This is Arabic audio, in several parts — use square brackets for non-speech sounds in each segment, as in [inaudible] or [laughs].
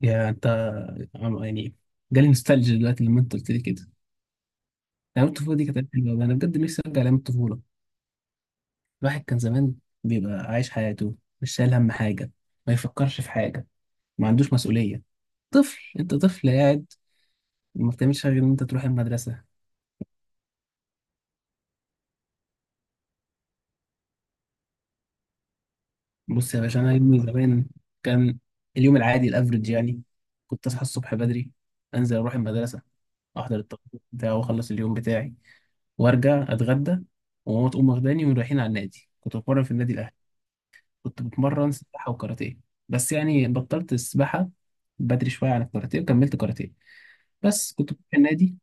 يا انت، يعني جالي نوستالجيا دلوقتي لما انت قلت لي كده. ايام الطفوله دي كانت أيام حلوه أوي. انا بجد نفسي ارجع لايام الطفوله. الواحد كان زمان بيبقى عايش حياته، مش شايل هم حاجه، ما يفكرش في حاجه، ما عندوش مسؤوليه. طفل، انت طفل قاعد ما بتعملش غير ان انت تروح المدرسه. بص يا باشا، انا يومي زمان كان اليوم العادي الافريج يعني كنت اصحى الصبح بدري، انزل اروح المدرسه، احضر التقرير بتاعي واخلص اليوم بتاعي، وارجع اتغدى، وماما تقوم واخداني ورايحين على النادي. كنت بتمرن في النادي الاهلي. كنت بتمرن سباحة وكاراتيه، بس يعني بطلت السباحة بدري شوية عن الكاراتيه، وكملت كاراتيه. بس كنت بروح النادي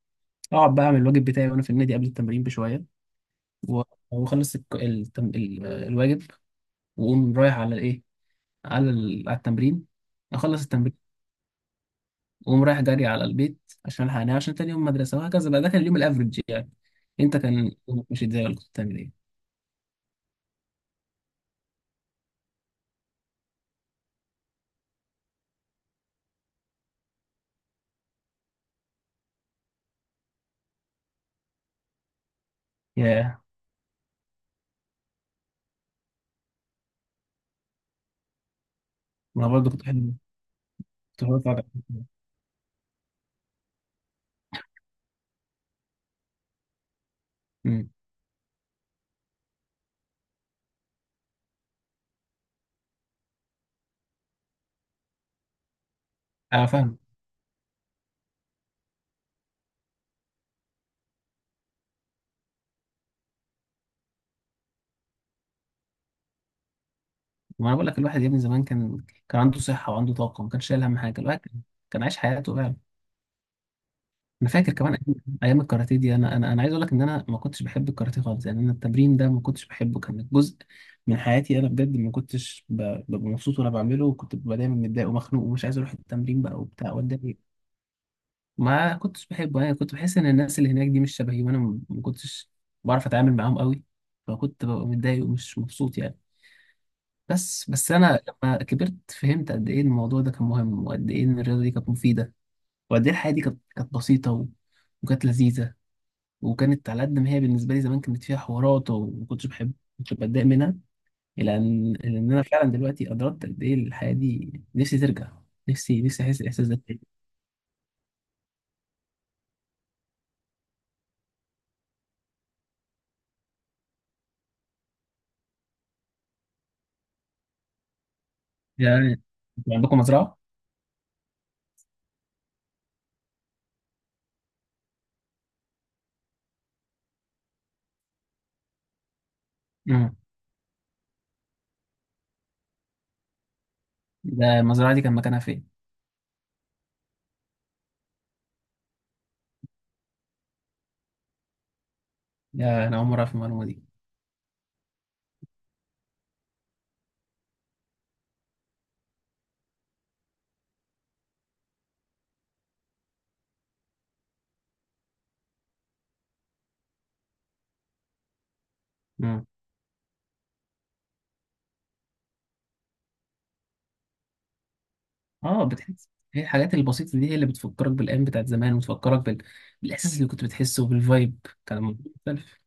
أقعد بقى أعمل الواجب بتاعي وأنا في النادي قبل التمرين بشوية، و- وأخلص الواجب، وأقوم رايح على الإيه، على التمرين، أخلص التمرين وأقوم رايح جري على البيت عشان ألحق أنام عشان تاني يوم مدرسة، وهكذا بقى. ده كان اليوم الأفريج يعني. أنت كان يومك ماشي إزاي، ولا كنت بتعمل إيه؟ ياه. ما أنا برضه كنت بحب كنت بحب أتفرج على- أمم. أنا فاهم. ما بقول لك، الواحد يا ابني زمان كان عنده صحة وعنده طاقة، ما كانش شايل هم حاجة. الواحد كان عايش حياته فعلا. أنا فاكر كمان أيام الكاراتيه دي. أنا عايز أقول لك إن أنا ما كنتش بحب الكاراتيه خالص يعني. أنا التمرين ده ما كنتش بحبه، كان جزء من حياتي. أنا بجد ما كنتش ببقى مبسوط وأنا بعمله، وكنت ببقى دايما متضايق ومخنوق ومش عايز أروح التمرين بقى وبتاع، وأتضايق. ما كنتش بحبه يعني. كنت بحس إن الناس اللي هناك دي مش شبهي، وأنا ما كنتش بعرف أتعامل معاهم قوي، فكنت ببقى متضايق ومش مبسوط يعني. بس انا لما كبرت فهمت قد ايه الموضوع ده كان مهم، وقد ايه ان الرياضه دي كانت مفيده، وقد ايه الحياه دي كانت بسيطه وكانت لذيذه. وكانت على قد ما هي بالنسبه لي زمان كانت فيها حوارات وما كنتش بحب، كنت بتضايق منها، الى ان إلى ان انا فعلا دلوقتي ادركت قد ايه الحياه دي. نفسي ترجع، نفسي احس الاحساس ده تاني يعني. انتوا عندكم مزرعه؟ امم. ده المزرعه دي كان مكانها فين؟ يا، انا اول مره اعرف المعلومه دي. اه، بتحس هي الحاجات البسيطة دي هي اللي بتفكرك بالأيام بتاعت زمان، وتفكرك بالإحساس اللي كنت بتحسه وبالفايب. كان الموضوع مختلف.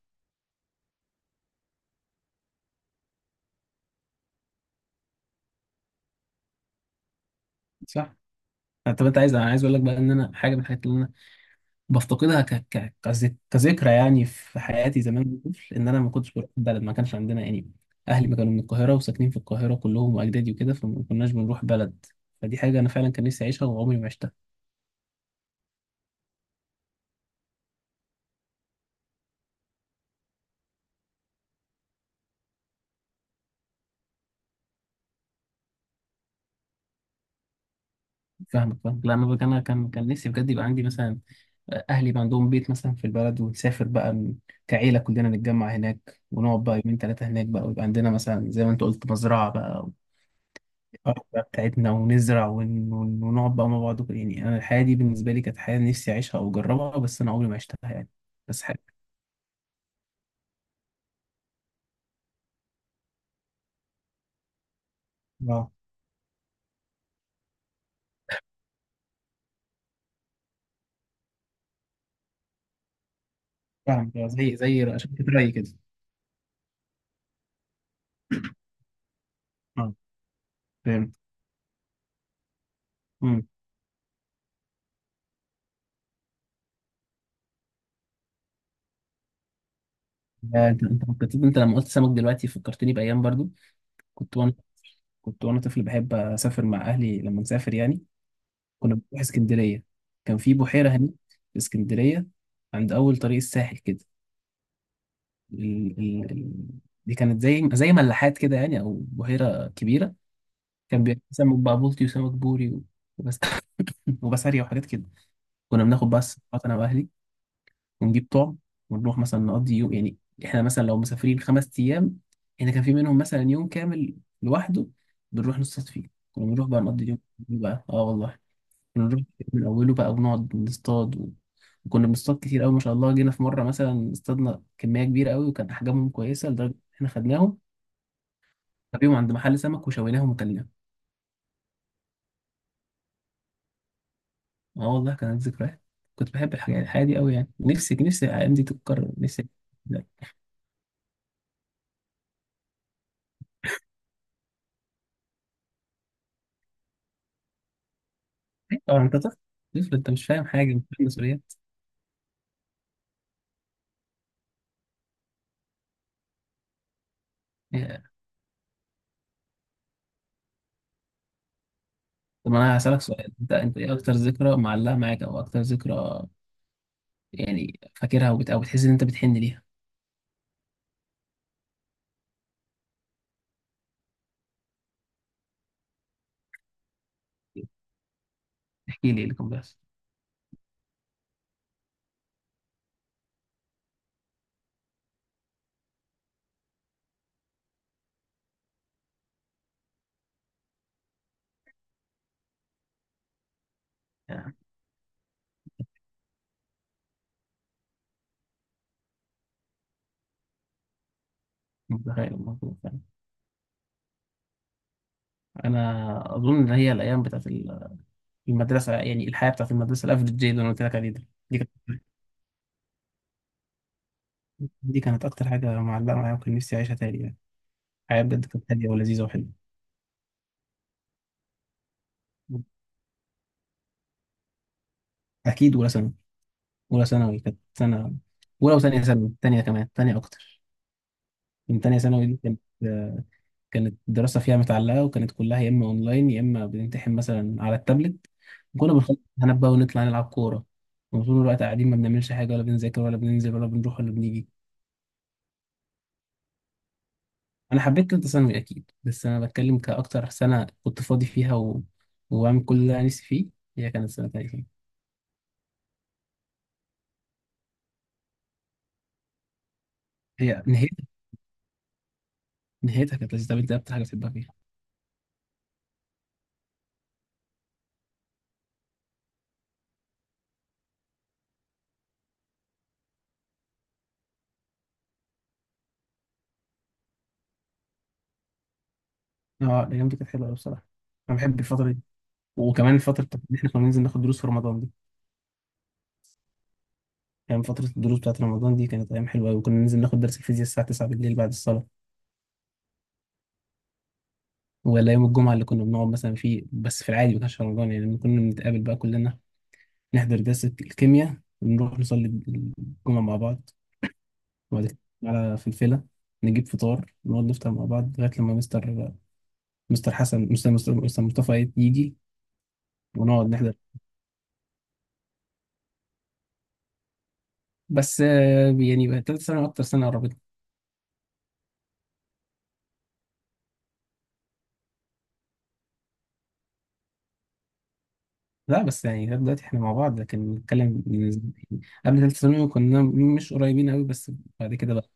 صح. طب انت عايز انا عايز اقول لك بقى ان انا حاجه من الحاجات اللي انا بفتقدها كذكرى يعني في حياتي زمان وأنا طفل، ان انا ما كنتش بروح بلد. ما كانش عندنا يعني. اهلي ما كانوا من القاهره، وساكنين في القاهره كلهم واجدادي وكده، فما كناش بنروح بلد. فدي حاجه انا فعلا كان نفسي اعيشها وعمري ما عشتها. فاهمك. لا، انا كان نفسي بجد يبقى عندي مثلا، اهلي بقى عندهم بيت مثلا في البلد، ونسافر بقى كعيله كلنا نتجمع هناك، ونقعد بقى يومين ثلاثه هناك بقى، ويبقى عندنا مثلا زي ما انت قلت مزرعه بقى، والارض بقى بتاعتنا، ونزرع ونقعد بقى مع بعض وكده. يعني انا الحياه دي بالنسبه لي كانت حياه نفسي اعيشها او اجربها، بس انا عمري ما عشتها يعني. بس حاجه. اه فاهم. زي، شركه رأي كده. اه فهمت. امم. آه، انت لما قلت سمك دلوقتي فكرتني بايام برضو. كنت وانا كنت وانا طفل بحب اسافر مع اهلي لما نسافر يعني. كنا بنروح اسكندرية. كان في بحيرة هناك في اسكندرية، عند أول طريق الساحل كده. ال... ال... ال... دي كانت زي، ملاحات كده يعني أو بحيرة كبيرة. كان بيبقى فيه سمك بقى، بلطي وسمك بوري وبس [laughs] وبسارية وحاجات كده. كنا بناخد بقى الصفحات أنا وأهلي، ونجيب طعم، ونروح مثلا نقضي يوم يعني. إحنا مثلا لو مسافرين خمس أيام، إحنا كان في منهم مثلا يوم كامل لوحده بنروح نصطاد فيه. كنا بنروح بقى نقضي اليوم بقى. اه والله، كنا نروح الكتاب من أوله بقى، ونقعد نصطاد وكنا بنصطاد كتير أوي ما شاء الله. جينا في مرة مثلا اصطادنا كمية كبيرة أوي، وكان أحجامهم كويسة لدرجة إن إحنا خدناهم نبيهم عند محل سمك، وشويناهم وكلناهم. آه والله كانت ذكريات. كنت بحب الحياة دي أوي يعني. نفسي الأيام دي تتكرر. نفسي. لا، طبعا أنت طفل. طفل أنت، مش فاهم حاجة، مش فاهم مسؤوليات. إيه. طب أنا هسألك سؤال، أنت إيه أكتر ذكرى معلقة معاك، أو أكتر ذكرى يعني فاكرها أو بتحس إن أنت بتحن ليها. احكي لي إيه اللي كان بيحصل يعني. مش متخيل الموضوع. انا اظن ان هي الايام بتاعت المدرسه يعني، الحياه بتاعت المدرسه الافريج دي اللي انا قلت لك عليه ده. دي كانت [laughs] دي كانت اكتر حاجه معلقه معايا، وكان نفسي اعيشها تاني يعني. الحياه بجد كانت هاديه ولذيذه وحلوه. اكيد اولى ثانوي. اولى ثانوي كانت سنه. اولى وثانيه ثانوي، ثانيه كمان ثانيه اكتر. من ثانيه ثانوي دي كانت الدراسه فيها متعلقه، وكانت كلها يا اما اونلاين يا اما بنمتحن مثلا على التابلت. كنا بنخلص امتحانات بقى، ونطلع نلعب كوره، وطول الوقت قاعدين ما بنعملش حاجه، ولا بنذاكر، ولا بننزل، ولا بنروح، ولا بنيجي. انا حبيت ثالثه ثانوي اكيد، بس انا بتكلم كاكتر سنه كنت فاضي فيها وعامل كل اللي انا نفسي فيه. هي كانت سنه تانية. هي نهايتها كانت لذيذه. طب انت إيه اكتر حاجه بتحبها فيها؟ اه، الايام دي كانت حلوه قوي بصراحه. انا بحب الفتره دي، وكمان الفتره بتاعت إن احنا كنا ننزل ناخد دروس في رمضان دي يعني. فتره الدروس بتاعت رمضان دي كانت ايام حلوه قوي. وكنا ننزل ناخد درس الفيزياء الساعه 9 بالليل بعد الصلاه، ولا يوم الجمعه اللي كنا بنقعد مثلا فيه بس في العادي، ما كانش في رمضان يعني. لما كنا بنتقابل بقى كلنا نحضر درس الكيمياء، ونروح نصلي الجمعه مع بعض، وبعد كده على فلفلة نجيب فطار، نقعد نفطر مع بعض لغاية لما مستر حسن، مستر مصطفى يجي، ونقعد نحضر. بس يعني بقى تالت ثانوي أكتر سنة قربتنا. لا، بس يعني لغاية دلوقتي احنا مع بعض، لكن نتكلم قبل تالت ثانوي كنا مش قريبين قوي بس. بعد كده بقى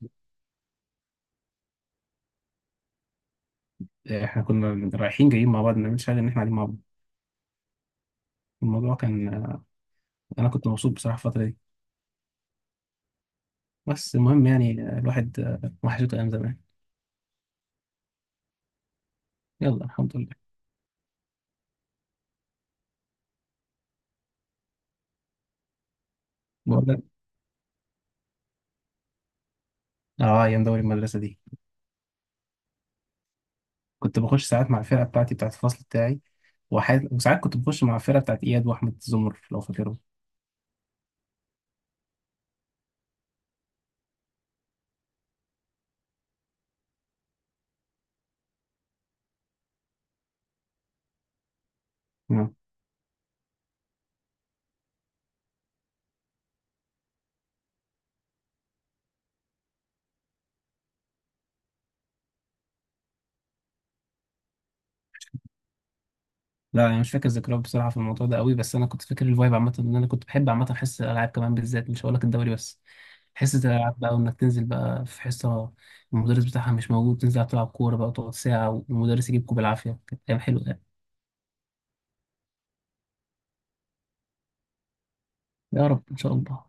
احنا كنا رايحين جايين مع بعض، ما بنعملش حاجة إن احنا قاعدين مع بعض. الموضوع كان، أنا كنت مبسوط بصراحة الفترة دي. بس المهم يعني، الواحد وحشته أيام زمان. يلا الحمد لله. بقول لك، اه، ايام دوري المدرسه دي كنت بخش ساعات مع الفرقة بتاعتي بتاعت الفصل بتاعي، وساعات كنت بخش مع الفرقة بتاعت إياد وأحمد زمر لو فاكرهم. نعم. لا، أنا مش فاكر ذكريات بصراحة في الموضوع ده قوي، بس أنا كنت فاكر الفايب عامة. إن أنا كنت بحب عامة حصة الألعاب كمان بالذات، مش هقول لك الدوري بس. حصة الألعاب بقى، وإنك تنزل بقى في حصة المدرس بتاعها مش موجود، تنزل تلعب كورة بقى، تقعد ساعة والمدرس يجيبكوا بالعافية. كانت أيام حلوة يعني. يا رب إن شاء الله.